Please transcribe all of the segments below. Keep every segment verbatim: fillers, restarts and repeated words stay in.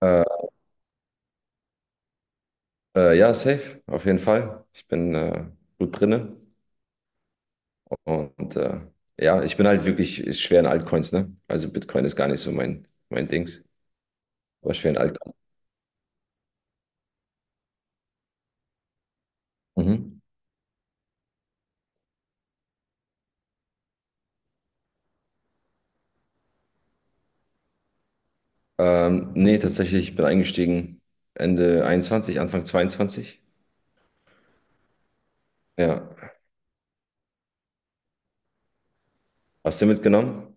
Äh, äh, ja, safe, auf jeden Fall. Ich bin äh, gut drinne und äh, ja, ich bin halt wirklich schwer in Altcoins, ne? Also Bitcoin ist gar nicht so mein, mein Dings, aber schwer in Altcoins. Mhm. Ähm, nee, tatsächlich, ich bin eingestiegen Ende einundzwanzig, Anfang zweiundzwanzig. Ja. Hast du mitgenommen?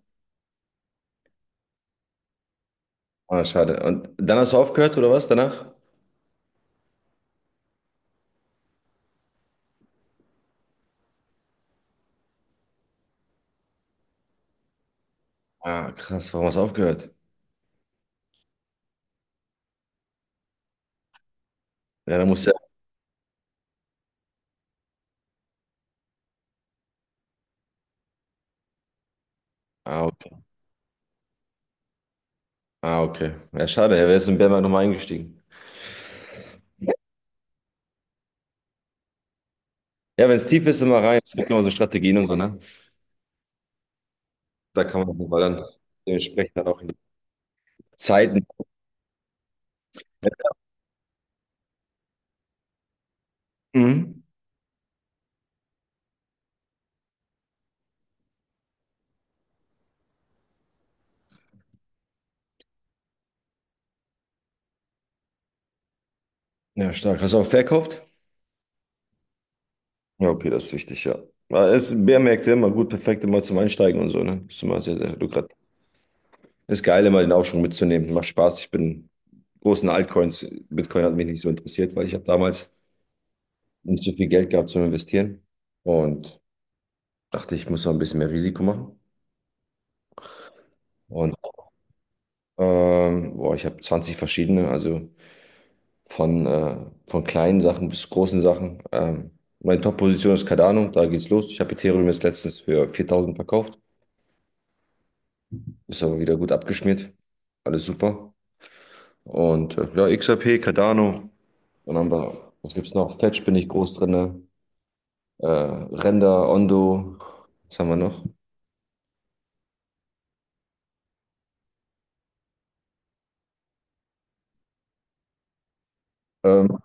Ah, schade. Und dann hast du aufgehört oder was danach? Ah, krass, warum hast du aufgehört? Ja, dann musst du ja. Ah, okay. Ah, okay. Ja, schade, er wäre jetzt in Bärmarkt nochmal eingestiegen. Ja, wenn es tief ist, immer rein. Es gibt immer so Strategien und so, ne? Da kann man, weil dann dementsprechend dann auch in die Zeiten. Mhm. Ja, stark. Hast du auch verkauft? Ja, okay, das ist wichtig, ja. Aber es ist Bärmärkte immer gut, perfekt immer zum Einsteigen und so, ne? Ist immer sehr, sehr lukrativ. Ist geil, immer den Aufschwung mitzunehmen. Macht Spaß. Ich bin großen Altcoins. Bitcoin hat mich nicht so interessiert, weil ich habe damals nicht so viel Geld gehabt zum Investieren und dachte, ich muss noch ein bisschen mehr Risiko machen. Und ähm, boah, ich habe zwanzig verschiedene, also Von, äh, von kleinen Sachen bis großen Sachen. Ähm, meine Top-Position ist Cardano, da geht's los. Ich habe Ethereum jetzt letztens für viertausend verkauft. Ist aber wieder gut abgeschmiert. Alles super. Und äh, ja, X R P, Cardano. Dann haben wir, was gibt's noch? Fetch bin ich groß drin. Äh, Render, Ondo. Was haben wir noch? Ähm,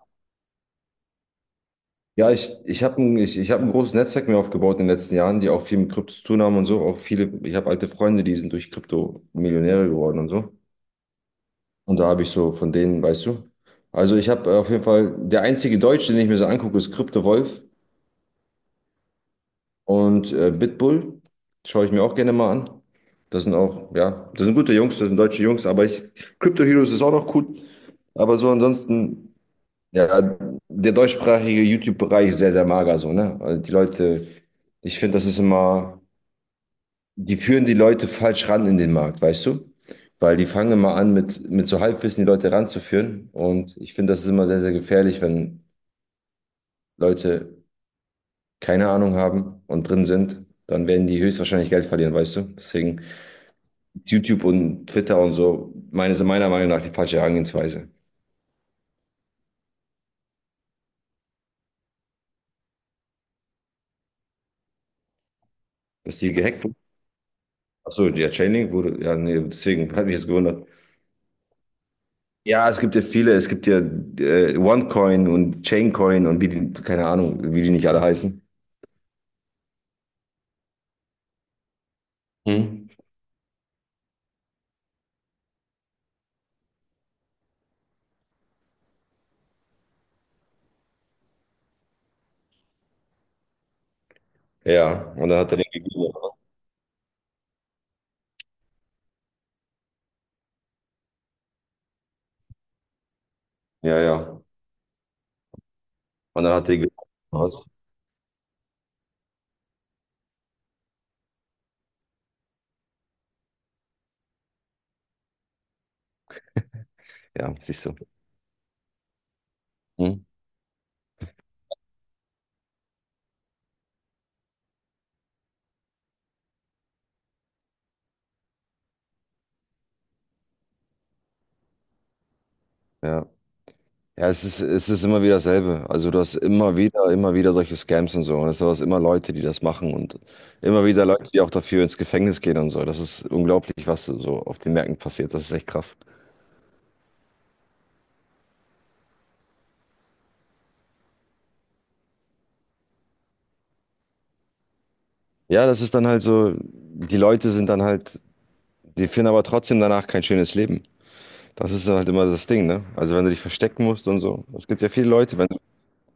ja, ich, ich habe ein, ich, ich hab ein großes Netzwerk mir aufgebaut in den letzten Jahren, die auch viel mit Krypto zu tun haben und so. Auch viele, ich habe alte Freunde, die sind durch Krypto Millionäre geworden und so. Und da habe ich so von denen, weißt du. Also ich habe äh, auf jeden Fall, der einzige Deutsche, den ich mir so angucke, ist Krypto Wolf und äh, Bitbull. Schaue ich mir auch gerne mal an. Das sind auch, ja, das sind gute Jungs, das sind deutsche Jungs, aber ich, Crypto Heroes ist auch noch gut. Aber so ansonsten, ja, der deutschsprachige YouTube-Bereich ist sehr, sehr mager so, ne? Also die Leute, ich finde, das ist immer. Die führen die Leute falsch ran in den Markt, weißt du? Weil die fangen immer an, mit, mit so Halbwissen die Leute ranzuführen. Und ich finde, das ist immer sehr, sehr gefährlich, wenn Leute keine Ahnung haben und drin sind, dann werden die höchstwahrscheinlich Geld verlieren, weißt du? Deswegen YouTube und Twitter und so, meines, meiner Meinung nach die falsche Herangehensweise. Dass die gehackt wurden. Achso, ja, Chainlink wurde, ja, nee, deswegen hat mich jetzt gewundert. Ja, es gibt ja viele, es gibt ja äh, OneCoin und Chaincoin und wie die, keine Ahnung, wie die nicht alle heißen. Hm. Ja, und dann hat er den gegeben. Ja, ja. Und dann hat er den gegeben. Ja, siehst du. Hm? Ja. Ja, es ist, es ist immer wieder dasselbe. Also du hast immer wieder, immer wieder solche Scams und so. Und es sind immer Leute, die das machen und immer wieder Leute, die auch dafür ins Gefängnis gehen und so. Das ist unglaublich, was so auf den Märkten passiert. Das ist echt krass. Ja, das ist dann halt so, die Leute sind dann halt, die finden aber trotzdem danach kein schönes Leben. Das ist halt immer das Ding, ne? Also wenn du dich verstecken musst und so. Es gibt ja viele Leute, wenn du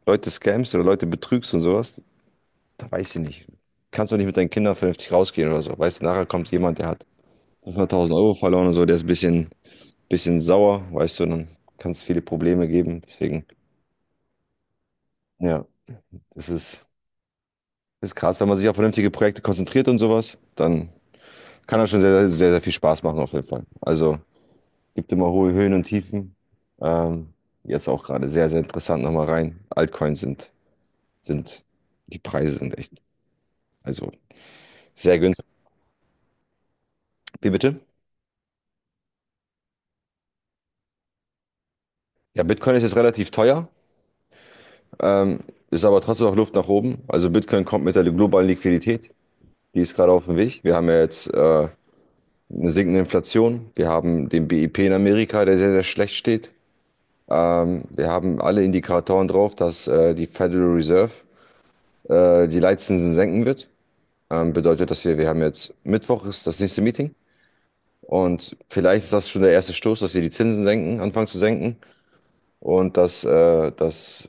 Leute scamst oder Leute betrügst und sowas. Da weiß ich nicht. Kannst du nicht mit deinen Kindern vernünftig rausgehen oder so. Weißt du, nachher kommt jemand, der hat fünfhunderttausend Euro verloren und so, der ist ein bisschen, bisschen sauer, weißt du, dann kann es viele Probleme geben. Deswegen, ja, das ist, das ist krass. Wenn man sich auf vernünftige Projekte konzentriert und sowas, dann kann das schon sehr, sehr, sehr, sehr viel Spaß machen, auf jeden Fall. Also, gibt immer hohe Höhen und Tiefen. Ähm, Jetzt auch gerade sehr, sehr interessant nochmal rein. Altcoins sind, sind, die Preise sind echt, also sehr günstig. Wie bitte? Ja, Bitcoin ist jetzt relativ teuer. Ähm, Ist aber trotzdem noch Luft nach oben. Also Bitcoin kommt mit der globalen Liquidität. Die ist gerade auf dem Weg. Wir haben ja jetzt äh, eine sinkende Inflation. Wir haben den B I P in Amerika, der sehr, sehr schlecht steht. Ähm, wir haben alle Indikatoren drauf, dass äh, die Federal Reserve äh, die Leitzinsen senken wird. Ähm, bedeutet, dass wir, wir haben jetzt Mittwoch ist das nächste Meeting. Und vielleicht ist das schon der erste Stoß, dass sie die Zinsen senken, anfangen zu senken und dass, äh, dass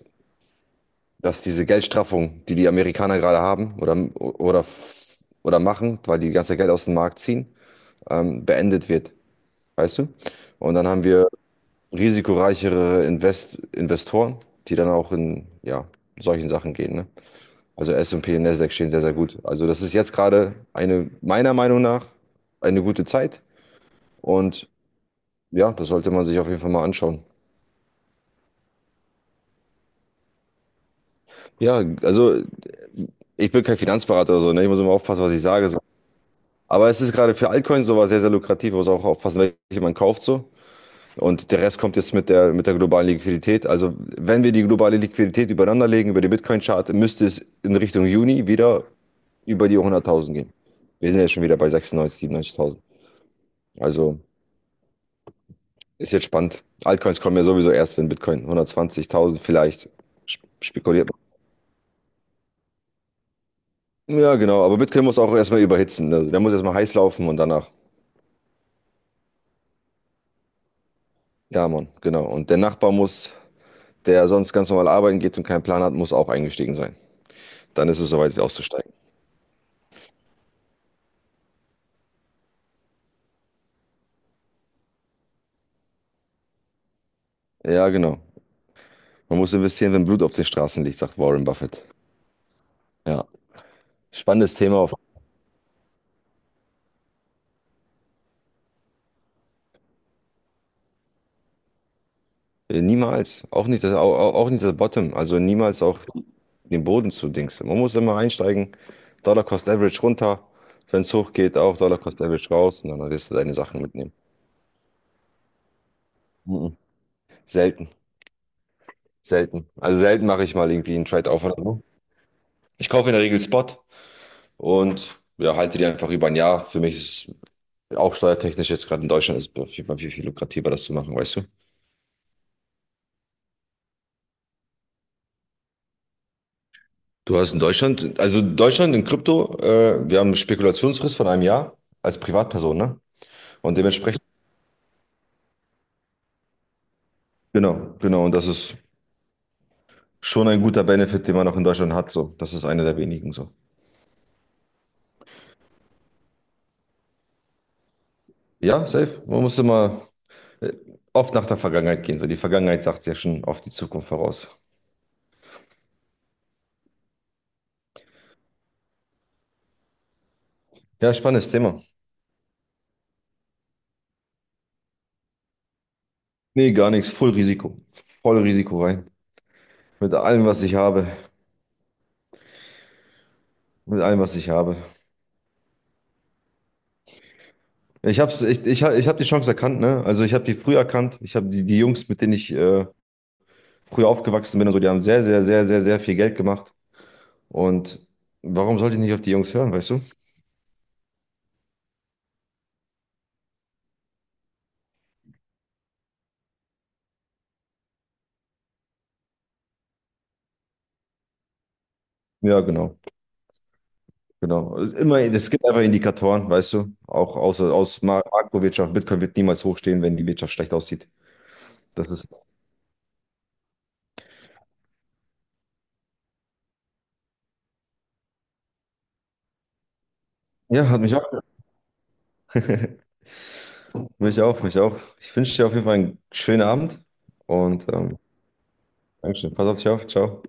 dass diese Geldstraffung, die die Amerikaner gerade haben oder, oder, oder machen, weil die die ganze Geld aus dem Markt ziehen, ähm, beendet wird, weißt du? Und dann haben wir risikoreichere Invest Investoren, die dann auch in ja, solchen Sachen gehen. Ne? Also S und P und P und Nasdaq stehen sehr, sehr gut. Also das ist jetzt gerade eine, meiner Meinung nach, eine gute Zeit. Und ja, das sollte man sich auf jeden Fall mal anschauen. Ja, also ich bin kein Finanzberater oder so, ne? Ich muss immer aufpassen, was ich sage. So. Aber es ist gerade für Altcoins sowas sehr, sehr lukrativ. Man muss auch aufpassen, welche man kauft so. Und der Rest kommt jetzt mit der, mit der globalen Liquidität. Also wenn wir die globale Liquidität übereinander legen über die Bitcoin-Chart, müsste es in Richtung Juni wieder über die hunderttausend gehen. Wir sind jetzt schon wieder bei sechsundneunzig, siebenundneunzigtausend. Also ist jetzt spannend. Altcoins kommen ja sowieso erst, wenn Bitcoin hundertzwanzigtausend vielleicht sp- spekuliert. Ja, genau. Aber Bitcoin muss auch erstmal überhitzen, ne? Der muss erstmal heiß laufen und danach. Ja, Mann, genau. Und der Nachbar muss, der sonst ganz normal arbeiten geht und keinen Plan hat, muss auch eingestiegen sein. Dann ist es soweit, auszusteigen. Ja, genau. Man muss investieren, wenn Blut auf den Straßen liegt, sagt Warren Buffett. Ja. Spannendes Thema. Auf, äh, niemals. Auch nicht das, auch, auch auch nicht das Bottom. Also niemals auch den Boden zu Dings. Man muss immer einsteigen. Dollar Cost Average runter. Wenn es hoch geht, auch Dollar Cost Average raus. Und dann wirst du deine Sachen mitnehmen. Mhm. Selten. Selten. Also selten mache ich mal irgendwie einen Trade-off oder so. Ich kaufe in der Regel Spot und ja, halte die einfach über ein Jahr. Für mich ist Auch steuertechnisch jetzt gerade in Deutschland ist es auf jeden Fall viel, viel lukrativer, das zu machen, weißt du? Du hast in Deutschland, also Deutschland in Krypto, äh, wir haben eine Spekulationsfrist von einem Jahr als Privatperson, ne? Und dementsprechend, genau, genau, und das ist schon ein guter Benefit, den man auch in Deutschland hat, so. Das ist einer der wenigen, so. Ja, safe. Man muss immer äh, oft nach der Vergangenheit gehen, so. Die Vergangenheit sagt ja schon oft die Zukunft voraus. Ja, spannendes Thema. Nee, gar nichts, voll Risiko. Voll Risiko rein. Mit allem, was ich habe. Mit allem, was ich habe. Ich hab's, ich, ich, hab- ich hab die Chance erkannt, ne? Also ich habe die früh erkannt. Ich habe die, die Jungs, mit denen ich äh, früher aufgewachsen bin und so, die haben sehr, sehr, sehr, sehr, sehr viel Geld gemacht. Und warum sollte ich nicht auf die Jungs hören, weißt du? Ja, genau, genau. Immer, es gibt einfach Indikatoren, weißt du? Auch aus, aus Ma- Makrowirtschaft. Bitcoin wird niemals hochstehen, wenn die Wirtschaft schlecht aussieht. Das ist. Ja, hat mich auch. Mich auch, mich auch. Ich wünsche dir auf jeden Fall einen schönen Abend und ähm, Dankeschön. Pass auf dich auf. Ciao.